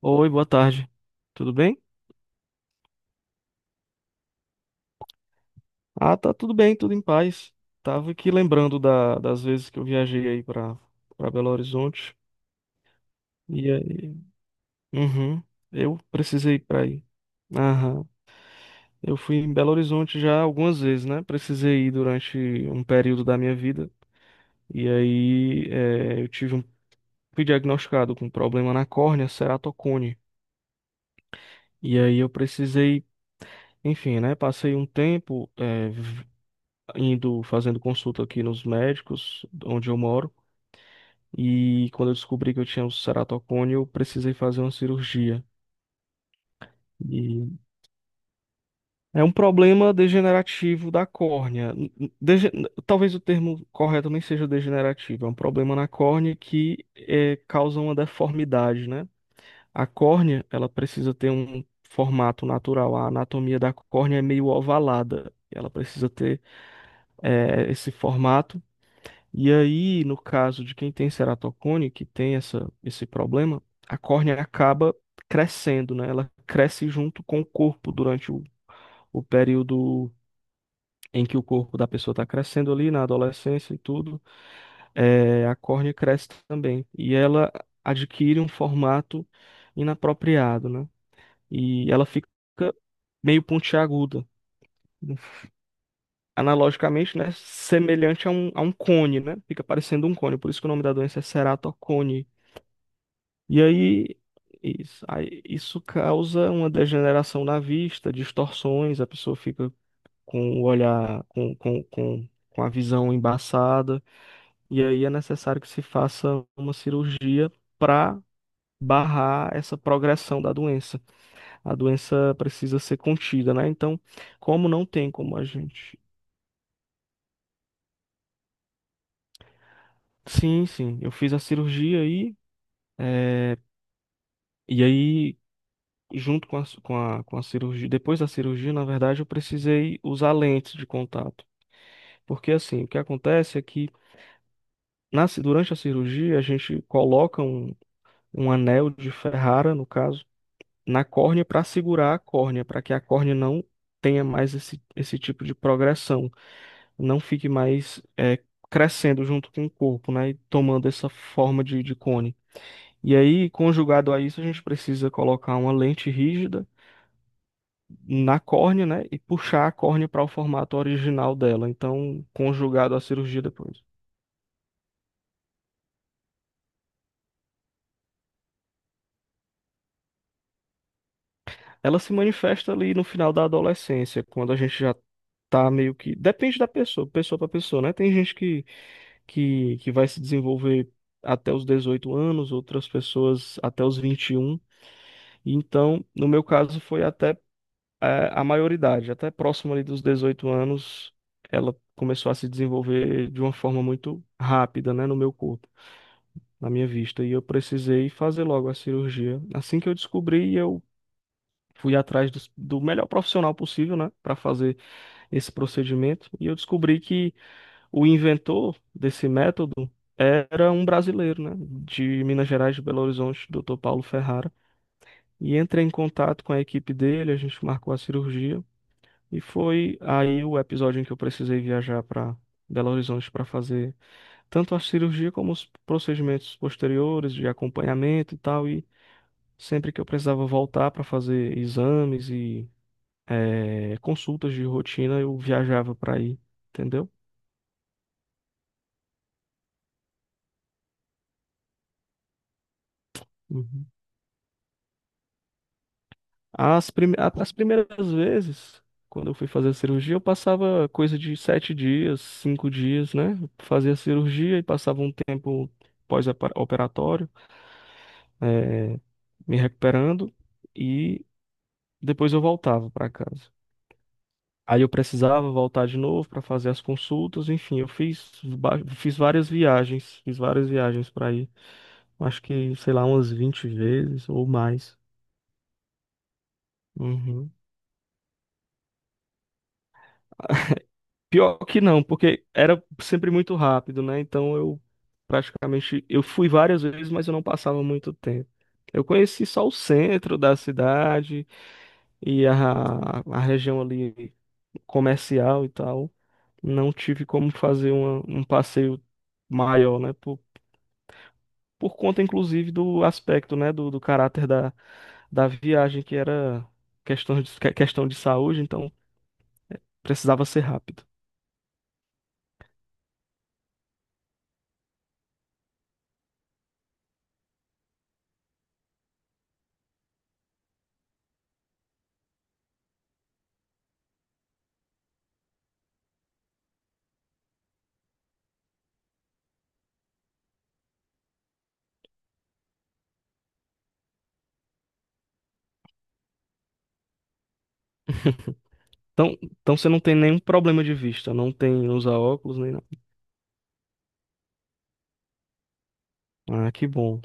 Oi, boa tarde. Tudo bem? Ah, tá tudo bem, tudo em paz. Tava aqui lembrando das vezes que eu viajei aí pra para Belo Horizonte. E aí, uhum, eu precisei ir pra aí. Aham. Eu fui em Belo Horizonte já algumas vezes, né? Precisei ir durante um período da minha vida. E aí, eu tive um, fui diagnosticado com um problema na córnea, ceratocone. E aí eu precisei, enfim, né? Passei um tempo, indo fazendo consulta aqui nos médicos onde eu moro e quando eu descobri que eu tinha um ceratocone, eu precisei fazer uma cirurgia. E é um problema degenerativo da córnea. Talvez o termo correto nem seja degenerativo, é um problema na córnea que causa uma deformidade, né? A córnea, ela precisa ter um formato natural. A anatomia da córnea é meio ovalada. Ela precisa ter esse formato. E aí, no caso de quem tem ceratocone, que tem essa, esse problema, a córnea acaba crescendo, né? Ela cresce junto com o corpo durante o período em que o corpo da pessoa está crescendo ali, na adolescência e tudo. É, a córnea cresce também. E ela adquire um formato inapropriado, né? E ela fica meio pontiaguda. Analogicamente, né? Semelhante a um cone, né? Fica parecendo um cone. Por isso que o nome da doença é ceratocone. E aí isso causa uma degeneração na vista, distorções, a pessoa fica com o olhar, com a visão embaçada, e aí é necessário que se faça uma cirurgia para barrar essa progressão da doença. A doença precisa ser contida, né? Então, como não tem como a gente. Sim, sim, eu fiz a cirurgia aí. É, e aí junto com a, ci- com a cirurgia, depois da cirurgia, na verdade, eu precisei usar lentes de contato. Porque assim, o que acontece é que durante a cirurgia, a gente coloca um anel de Ferrara, no caso, na córnea para segurar a córnea, para que a córnea não tenha mais esse tipo de progressão, não fique mais crescendo junto com o corpo, né, e tomando essa forma de cone. E aí, conjugado a isso, a gente precisa colocar uma lente rígida na córnea, né? E puxar a córnea para o formato original dela. Então, conjugado à cirurgia depois. Ela se manifesta ali no final da adolescência, quando a gente já tá meio que. Depende da pessoa, pessoa para pessoa, né? Tem gente que vai se desenvolver até os 18 anos, outras pessoas até os 21. Então, no meu caso, foi até a maioridade, até próximo ali dos 18 anos, ela começou a se desenvolver de uma forma muito rápida, né, no meu corpo. Na minha vista e eu precisei fazer logo a cirurgia. Assim que eu descobri, eu fui atrás do, melhor profissional possível, né, para fazer esse procedimento e eu descobri que o inventor desse método era um brasileiro, né, de Minas Gerais, de Belo Horizonte, Dr. Paulo Ferrara, e entrei em contato com a equipe dele, a gente marcou a cirurgia e foi aí o episódio em que eu precisei viajar para Belo Horizonte para fazer tanto a cirurgia como os procedimentos posteriores de acompanhamento e tal. E sempre que eu precisava voltar para fazer exames e consultas de rotina, eu viajava para ir, entendeu? Uhum. As primeiras vezes, quando eu fui fazer a cirurgia, eu passava coisa de 7 dias, 5 dias, né? Eu fazia a cirurgia e passava um tempo pós-operatório, eh, me recuperando e depois eu voltava para casa. Aí eu precisava voltar de novo para fazer as consultas, enfim, eu fiz, fiz várias viagens para ir. Acho que, sei lá, umas 20 vezes ou mais. Uhum. Pior que não, porque era sempre muito rápido, né? Então eu praticamente eu fui várias vezes, mas eu não passava muito tempo. Eu conheci só o centro da cidade e a região ali comercial e tal. Não tive como fazer um passeio maior, né? Por conta, inclusive, do aspecto, né, do caráter da viagem, que era questão de saúde, então precisava ser rápido. Então, então você não tem nenhum problema de vista, não tem usar óculos nem nada. Ah, que bom.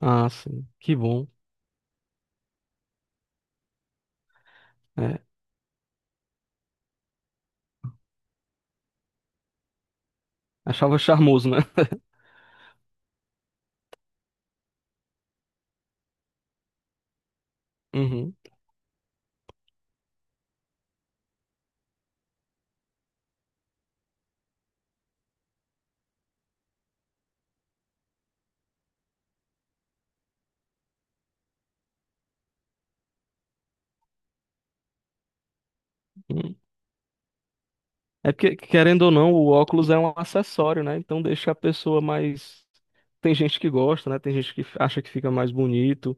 Ah, sim, que bom. É, achava charmoso, né? Uhum. Uhum. É porque, querendo ou não, o óculos é um acessório, né? Então deixa a pessoa mais. Tem gente que gosta, né? Tem gente que acha que fica mais bonito,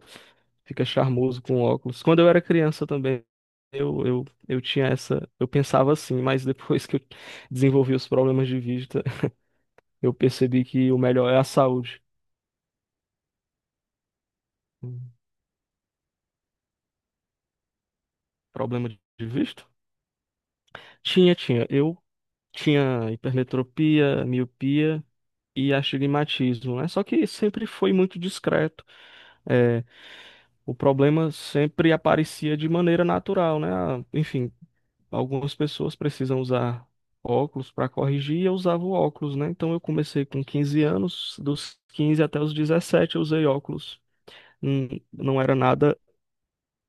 fica charmoso com óculos. Quando eu era criança também, eu tinha essa. Eu pensava assim, mas depois que eu desenvolvi os problemas de vista, eu percebi que o melhor é a saúde. Hum, Problema de vista? Tinha, tinha. Eu tinha hipermetropia, miopia e astigmatismo, né? Só que sempre foi muito discreto. É, o problema sempre aparecia de maneira natural, né? Ah, enfim, algumas pessoas precisam usar óculos para corrigir e eu usava o óculos, né? Então eu comecei com 15 anos, dos 15 até os 17 eu usei óculos. Não era nada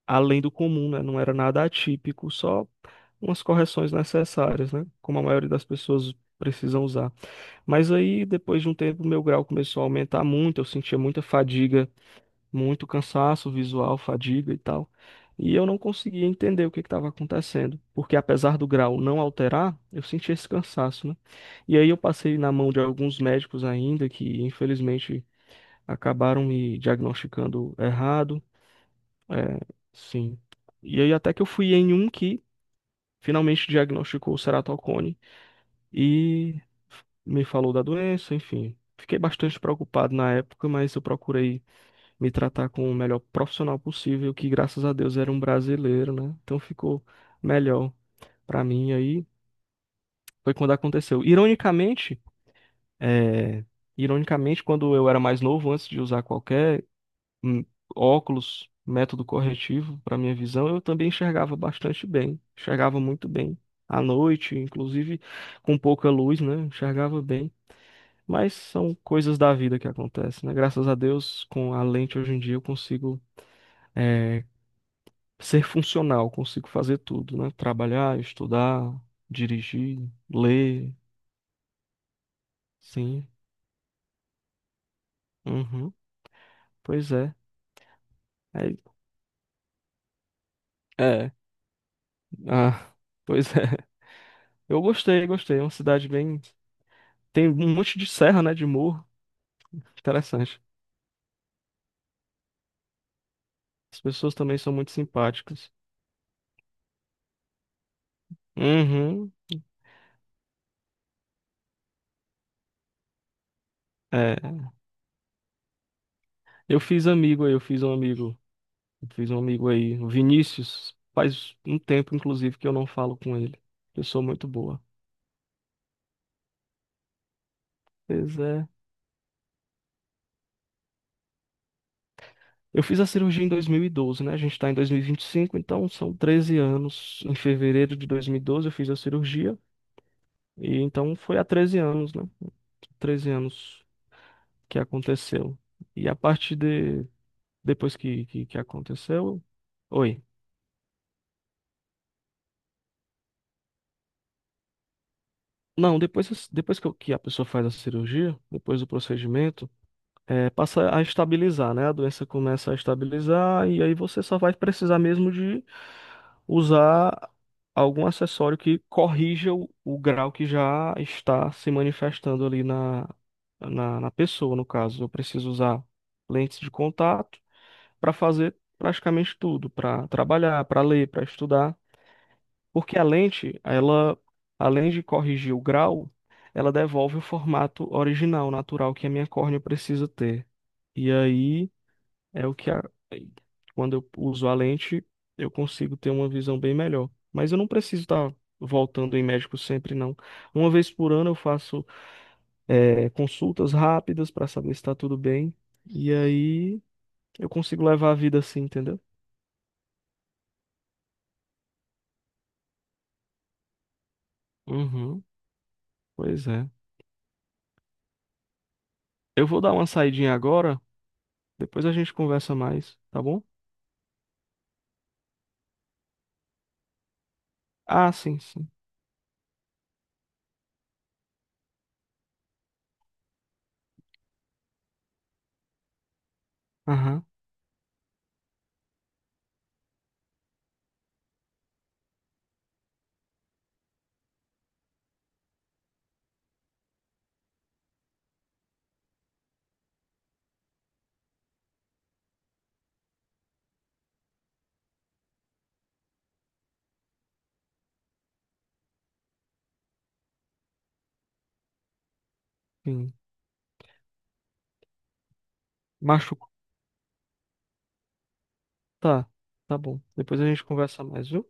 além do comum, né? Não era nada atípico, só umas correções necessárias, né? Como a maioria das pessoas precisam usar. Mas aí, depois de um tempo, meu grau começou a aumentar muito, eu sentia muita fadiga, muito cansaço visual, fadiga e tal. E eu não conseguia entender o que estava acontecendo, porque apesar do grau não alterar, eu sentia esse cansaço, né? E aí eu passei na mão de alguns médicos ainda que, infelizmente, acabaram me diagnosticando errado. É, sim. E aí até que eu fui em um que finalmente diagnosticou o ceratocone e me falou da doença, enfim. Fiquei bastante preocupado na época, mas eu procurei me tratar com o melhor profissional possível, que graças a Deus era um brasileiro, né? Então ficou melhor pra mim aí. Foi quando aconteceu. Ironicamente, é, ironicamente, quando eu era mais novo, antes de usar qualquer hum, óculos, método corretivo para minha visão, eu também enxergava bastante bem. Enxergava muito bem à noite, inclusive com pouca luz, né? Enxergava bem. Mas são coisas da vida que acontecem, né? Graças a Deus, com a lente hoje em dia eu consigo eh, ser funcional, consigo fazer tudo, né? Trabalhar, estudar, dirigir, ler, sim. Uhum. Pois é. É, é. Ah, pois é. Eu gostei, gostei. É uma cidade bem. Tem um monte de serra, né? De morro. Interessante. As pessoas também são muito simpáticas. Uhum. É. Eu fiz amigo aí, eu fiz um amigo. Eu fiz um amigo aí, o Vinícius. Faz um tempo, inclusive, que eu não falo com ele. Pessoa muito boa. Pois é. Eu fiz a cirurgia em 2012, né? A gente está em 2025, então são 13 anos. Em fevereiro de 2012 eu fiz a cirurgia, e então foi há 13 anos, né? 13 anos que aconteceu. E a partir de depois que aconteceu. Oi. Não, depois, depois que a pessoa faz a cirurgia, depois do procedimento. É, passa a estabilizar, né? A doença começa a estabilizar e aí você só vai precisar mesmo de usar algum acessório que corrija o grau que já está se manifestando ali na pessoa, no caso. Eu preciso usar lentes de contato para fazer praticamente tudo, para trabalhar, para ler, para estudar, porque a lente, ela, além de corrigir o grau, ela devolve o formato original, natural que a minha córnea precisa ter. E aí é o quando eu uso a lente, eu consigo ter uma visão bem melhor. Mas eu não preciso estar voltando em médico sempre, não. Uma vez por ano eu faço consultas rápidas para saber se está tudo bem. E aí eu consigo levar a vida assim, entendeu? Uhum, pois é. Eu vou dar uma saidinha agora, depois a gente conversa mais, tá bom? Ah, sim, sim. Aham, sim. Machucou. Tá, tá bom. Depois a gente conversa mais, viu?